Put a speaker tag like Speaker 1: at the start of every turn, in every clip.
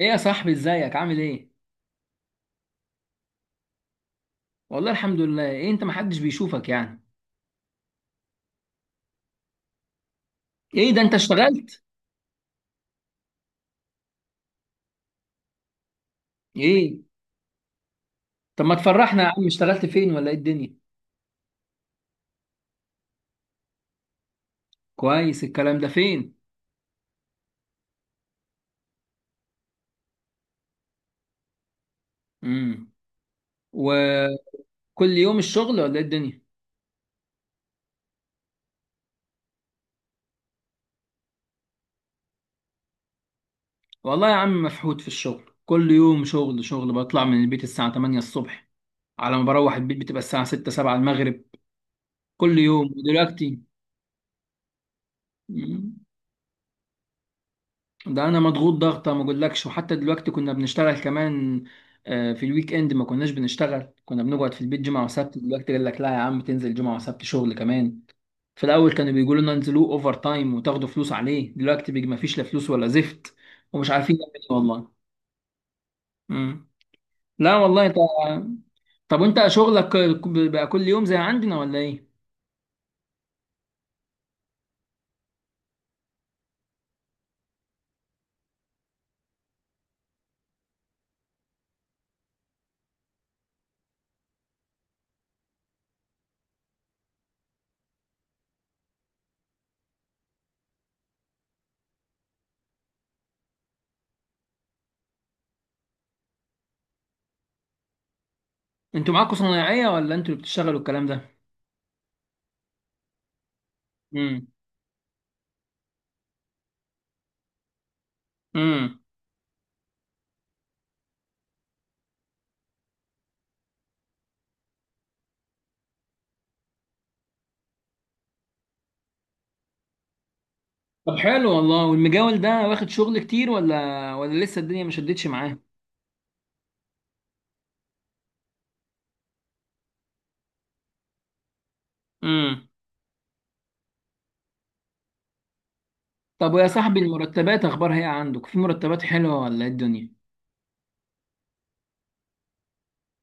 Speaker 1: ايه يا صاحبي، ازيك؟ عامل ايه؟ والله الحمد لله. ايه، انت محدش بيشوفك يعني؟ ايه ده، انت اشتغلت؟ ايه طب ما تفرحنا يا عم، اشتغلت فين ولا ايه الدنيا؟ كويس. الكلام ده فين؟ امم وكل يوم الشغل ولا ايه الدنيا؟ والله يا عم مفحوط في الشغل، كل يوم شغل شغل، بطلع من البيت الساعة 8 الصبح، على ما بروح البيت بتبقى الساعة 6 7 المغرب، كل يوم. ودلوقتي مم. ده انا مضغوط ضغطه ما اقولكش، وحتى دلوقتي كنا بنشتغل كمان. في الويك اند ما كناش بنشتغل، كنا بنقعد في البيت جمعه وسبت. دلوقتي قال لك لا يا عم، تنزل جمعه وسبت شغل كمان. في الاول كانوا بيقولوا لنا انزلوه اوفر تايم وتاخدوا فلوس عليه، دلوقتي بيجي ما فيش لا فلوس ولا زفت. ومش عارفين نعمل ايه والله. مم. لا والله انت. طب وانت شغلك بقى كل يوم زي عندنا ولا ايه؟ انتوا معاكم صنايعيه ولا انتوا اللي بتشتغلوا الكلام ده؟ امم طب حلو والله. والمجاول ده واخد شغل كتير ولا لسه الدنيا ما شدتش معاه؟ امم طب ويا صاحبي، المرتبات اخبارها ايه؟ عندك في مرتبات حلوه ولا ايه الدنيا؟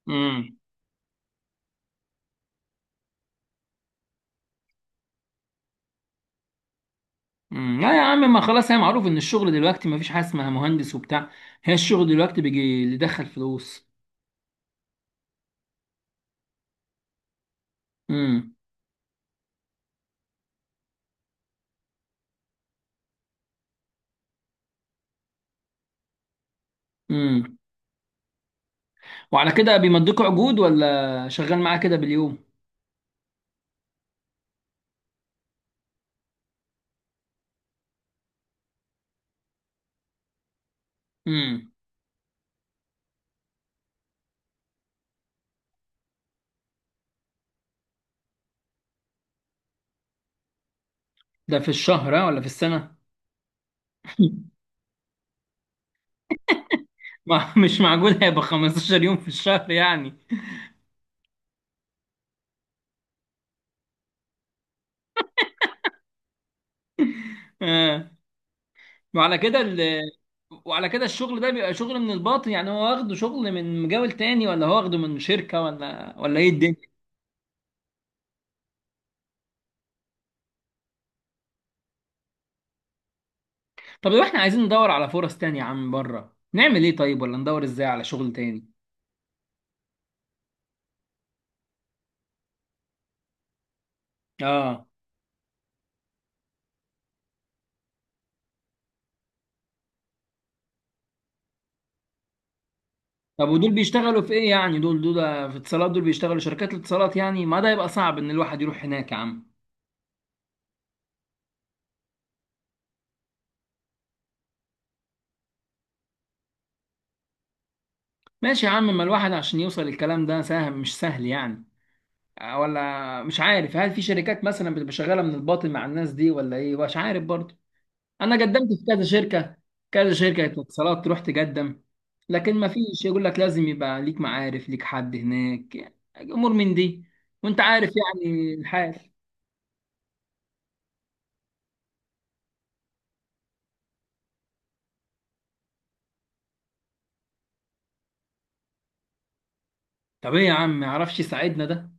Speaker 1: امم لا يا عم، ما خلاص، هي معروف ان الشغل دلوقتي ما فيش حاجه اسمها مهندس وبتاع. هي الشغل دلوقتي بيجي اللي يدخل فلوس. امم امم وعلى كده بيمضيكوا عقود ولا شغال معاه كده باليوم؟ امم ده في الشهر ها ولا في السنه؟ ما مش معقول هيبقى 15 يوم في الشهر يعني. آه. وعلى كده وعلى كده الشغل ده بيبقى شغل من الباطن يعني، هو واخده شغل من مجال تاني ولا هو واخده من شركة ولا ايه الدنيا؟ طب لو احنا عايزين ندور على فرص تانية يا عم بره، نعمل ايه طيب، ولا ندور ازاي على شغل تاني؟ اه. طب ودول بيشتغلوا في ايه يعني؟ دول في اتصالات، دول بيشتغلوا شركات الاتصالات يعني، ما ده يبقى صعب ان الواحد يروح هناك يا عم. ماشي يا عم، ما الواحد عشان يوصل الكلام ده سهل مش سهل يعني. ولا مش عارف، هل في شركات مثلا بتبقى شغالة من الباطن مع الناس دي ولا ايه، مش عارف برضه. انا قدمت في كذا شركه، كذا شركه اتصالات تروح تقدم، لكن ما فيش، يقول لك لازم يبقى ليك معارف، ليك حد هناك يعني، امور من دي. وانت عارف يعني الحال. طب ايه يا عم، ما يعرفش يساعدنا ده؟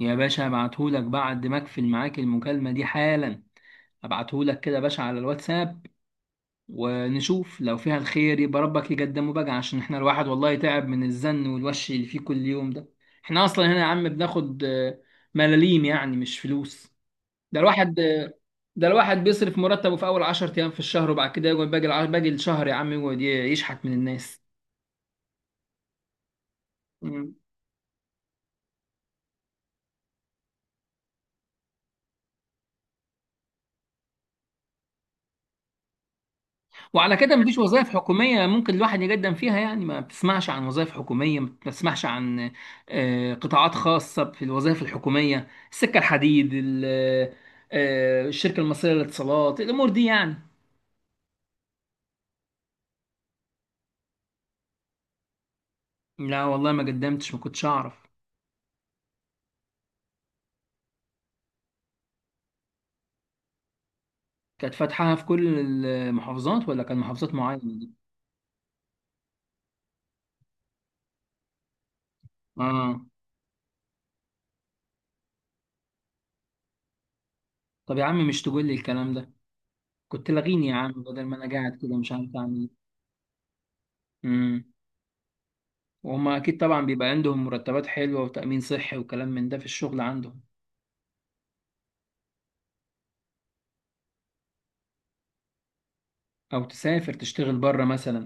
Speaker 1: يا باشا هبعتهولك بعد ما اقفل معاك المكالمه دي حالا، هبعتهولك كده يا باشا على الواتساب، ونشوف لو فيها الخير يبقى ربك يقدمه بقى. عشان احنا الواحد والله تعب من الزن والوش اللي فيه كل يوم ده. احنا اصلا هنا يا عم بناخد ملاليم يعني، مش فلوس. ده الواحد ده الواحد بيصرف مرتبه في اول 10 ايام في الشهر، وبعد كده يقعد باقي باقي الشهر يا عم، يقعد يشحت من الناس. مم. وعلى كده مفيش وظائف حكومية ممكن الواحد يقدم فيها يعني؟ ما بتسمعش عن وظائف حكومية، ما بتسمعش عن قطاعات خاصة في الوظائف الحكومية. السكة الحديد الشركة المصرية للاتصالات، الأمور دي يعني. لا والله ما قدمتش، ما كنتش أعرف. كانت فاتحاها في كل المحافظات ولا كان محافظات معينة؟ آه. طب يا عم مش تقول لي الكلام ده؟ كنت لغيني يا عم بدل ما انا قاعد كده مش عارف اعمل ايه. امم وهما اكيد طبعا بيبقى عندهم مرتبات حلوه وتامين صحي وكلام من ده في الشغل عندهم. او تسافر تشتغل بره مثلا.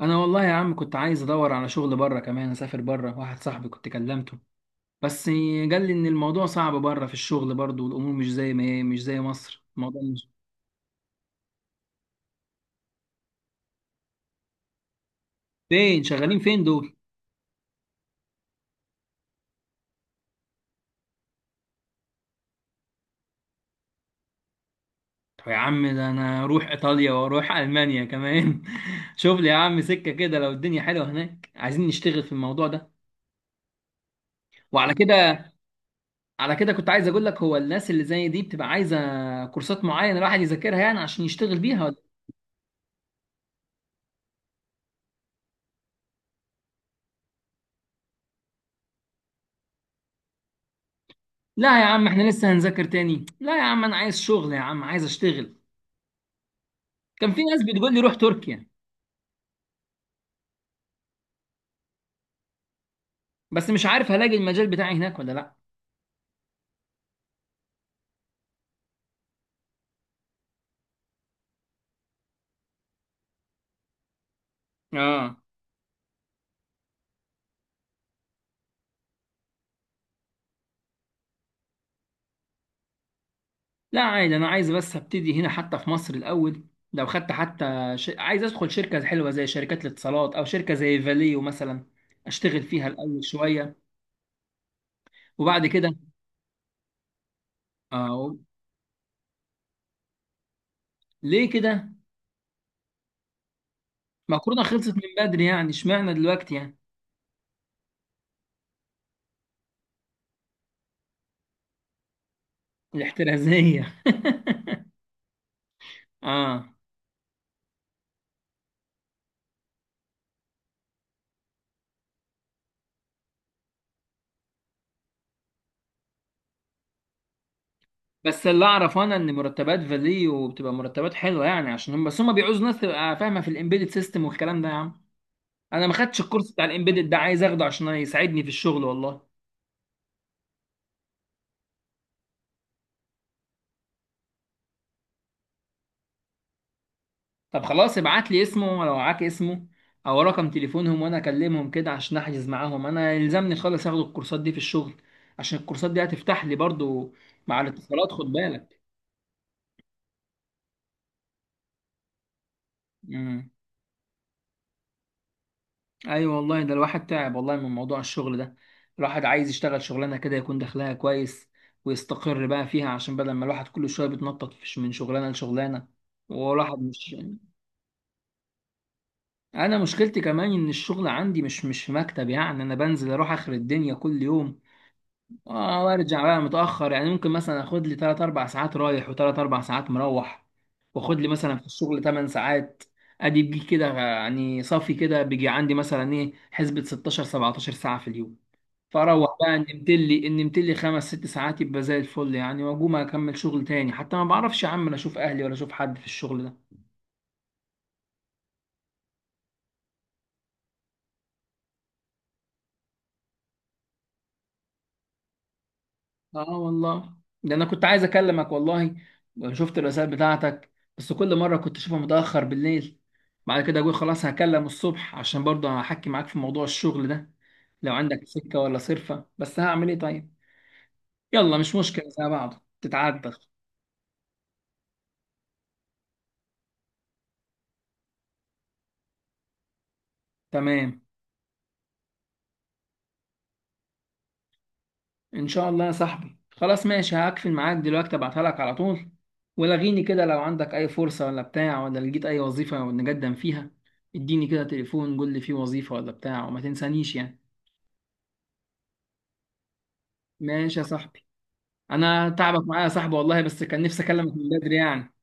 Speaker 1: انا والله يا عم كنت عايز ادور على شغل بره كمان، اسافر بره. واحد صاحبي كنت كلمته، بس قال لي ان الموضوع صعب بره في الشغل برضه، والامور مش زي ما هي، مش زي مصر الموضوع مش. فين شغالين، فين دول؟ طب يا عم ده انا اروح ايطاليا واروح المانيا كمان. شوف لي يا عم سكه كده، لو الدنيا حلوه هناك عايزين نشتغل في الموضوع ده. وعلى كده على كده كنت عايز اقول لك، هو الناس اللي زي دي بتبقى عايزه كورسات معينه الواحد يذاكرها يعني عشان يشتغل بيها ولا؟ لا يا عم احنا لسه هنذاكر تاني؟ لا يا عم انا عايز شغل يا عم، عايز اشتغل. كان في ناس بتقول لي روح تركيا، بس مش عارف هلاقي المجال بتاعي هناك ولا لا. اه. لا عادي، انا عايز بس ابتدي هنا حتى في مصر الاول، لو خدت حتى عايز ادخل شركه حلوه زي شركات الاتصالات او شركه زي فاليو مثلا، اشتغل فيها الاول شويه وبعد كده. اه. ليه كده؟ ما كورونا خلصت من بدري يعني، اشمعنى دلوقتي يعني؟ الاحترازية. اه. بس اللي اعرف انا ان مرتبات فاليو بتبقى مرتبات حلوه يعني، عشان هم بس هم بيعوزوا ناس تبقى فاهمه في الامبيدد سيستم والكلام ده يا عم. انا ما خدتش الكورس بتاع الامبيدد ده، عايز اخده عشان يساعدني في الشغل والله. طب خلاص ابعت لي اسمه لو معاك اسمه، او رقم تليفونهم وانا اكلمهم كده عشان احجز معاهم. انا يلزمني خالص اخد الكورسات دي في الشغل، عشان الكورسات دي هتفتح لي برضو مع الاتصالات خد بالك. مم. ايوه والله، ده الواحد تعب والله من موضوع الشغل ده. الواحد عايز يشتغل شغلانه كده يكون دخلها كويس، ويستقر بقى فيها، عشان بدل ما الواحد كل شويه بيتنطط من شغلانه لشغلانه، والواحد مش. انا مشكلتي كمان ان الشغل عندي مش في مكتب يعني، انا بنزل اروح اخر الدنيا كل يوم. وارجع بقى متاخر يعني، ممكن مثلا اخد لي 3 4 ساعات رايح و3 4 ساعات مروح، واخد لي مثلا في الشغل 8 ساعات. ادي بيجي كده يعني صافي، كده بيجي عندي مثلا ايه، حسبة 16 17 ساعه في اليوم. فاروح بقى نمت لي ان نمت لي 5 6 ساعات يبقى زي الفل يعني، واقوم اكمل شغل تاني. حتى ما بعرفش يا عم لا اشوف اهلي ولا اشوف حد في الشغل ده. اه والله. ده انا كنت عايز اكلمك والله، شفت الرسائل بتاعتك، بس كل مره كنت اشوفها متاخر بالليل، بعد كده اقول خلاص هكلم الصبح، عشان برضه هحكي معاك في موضوع الشغل ده، لو عندك سكه ولا صرفه، بس هعمل ايه طيب. يلا مش مشكله، زي بعض تتعدى. تمام. ان شاء الله يا صاحبي. خلاص ماشي، هقفل معاك دلوقتي ابعتها لك على طول. ولغيني كده لو عندك اي فرصة ولا بتاع، ولا لقيت اي وظيفة نقدم فيها اديني كده تليفون، قول لي في وظيفة ولا بتاع، وما تنسانيش يعني. ماشي يا صاحبي. انا تعبك معايا يا صاحبي والله، بس كان نفسي اكلمك من بدري يعني.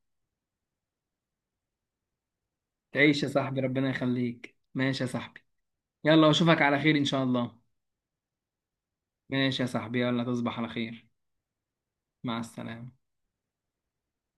Speaker 1: تعيش يا صاحبي ربنا يخليك. ماشي يا صاحبي، يلا واشوفك على خير ان شاء الله. ماشي يا صاحبي، يلا تصبح على خير. مع السلامة.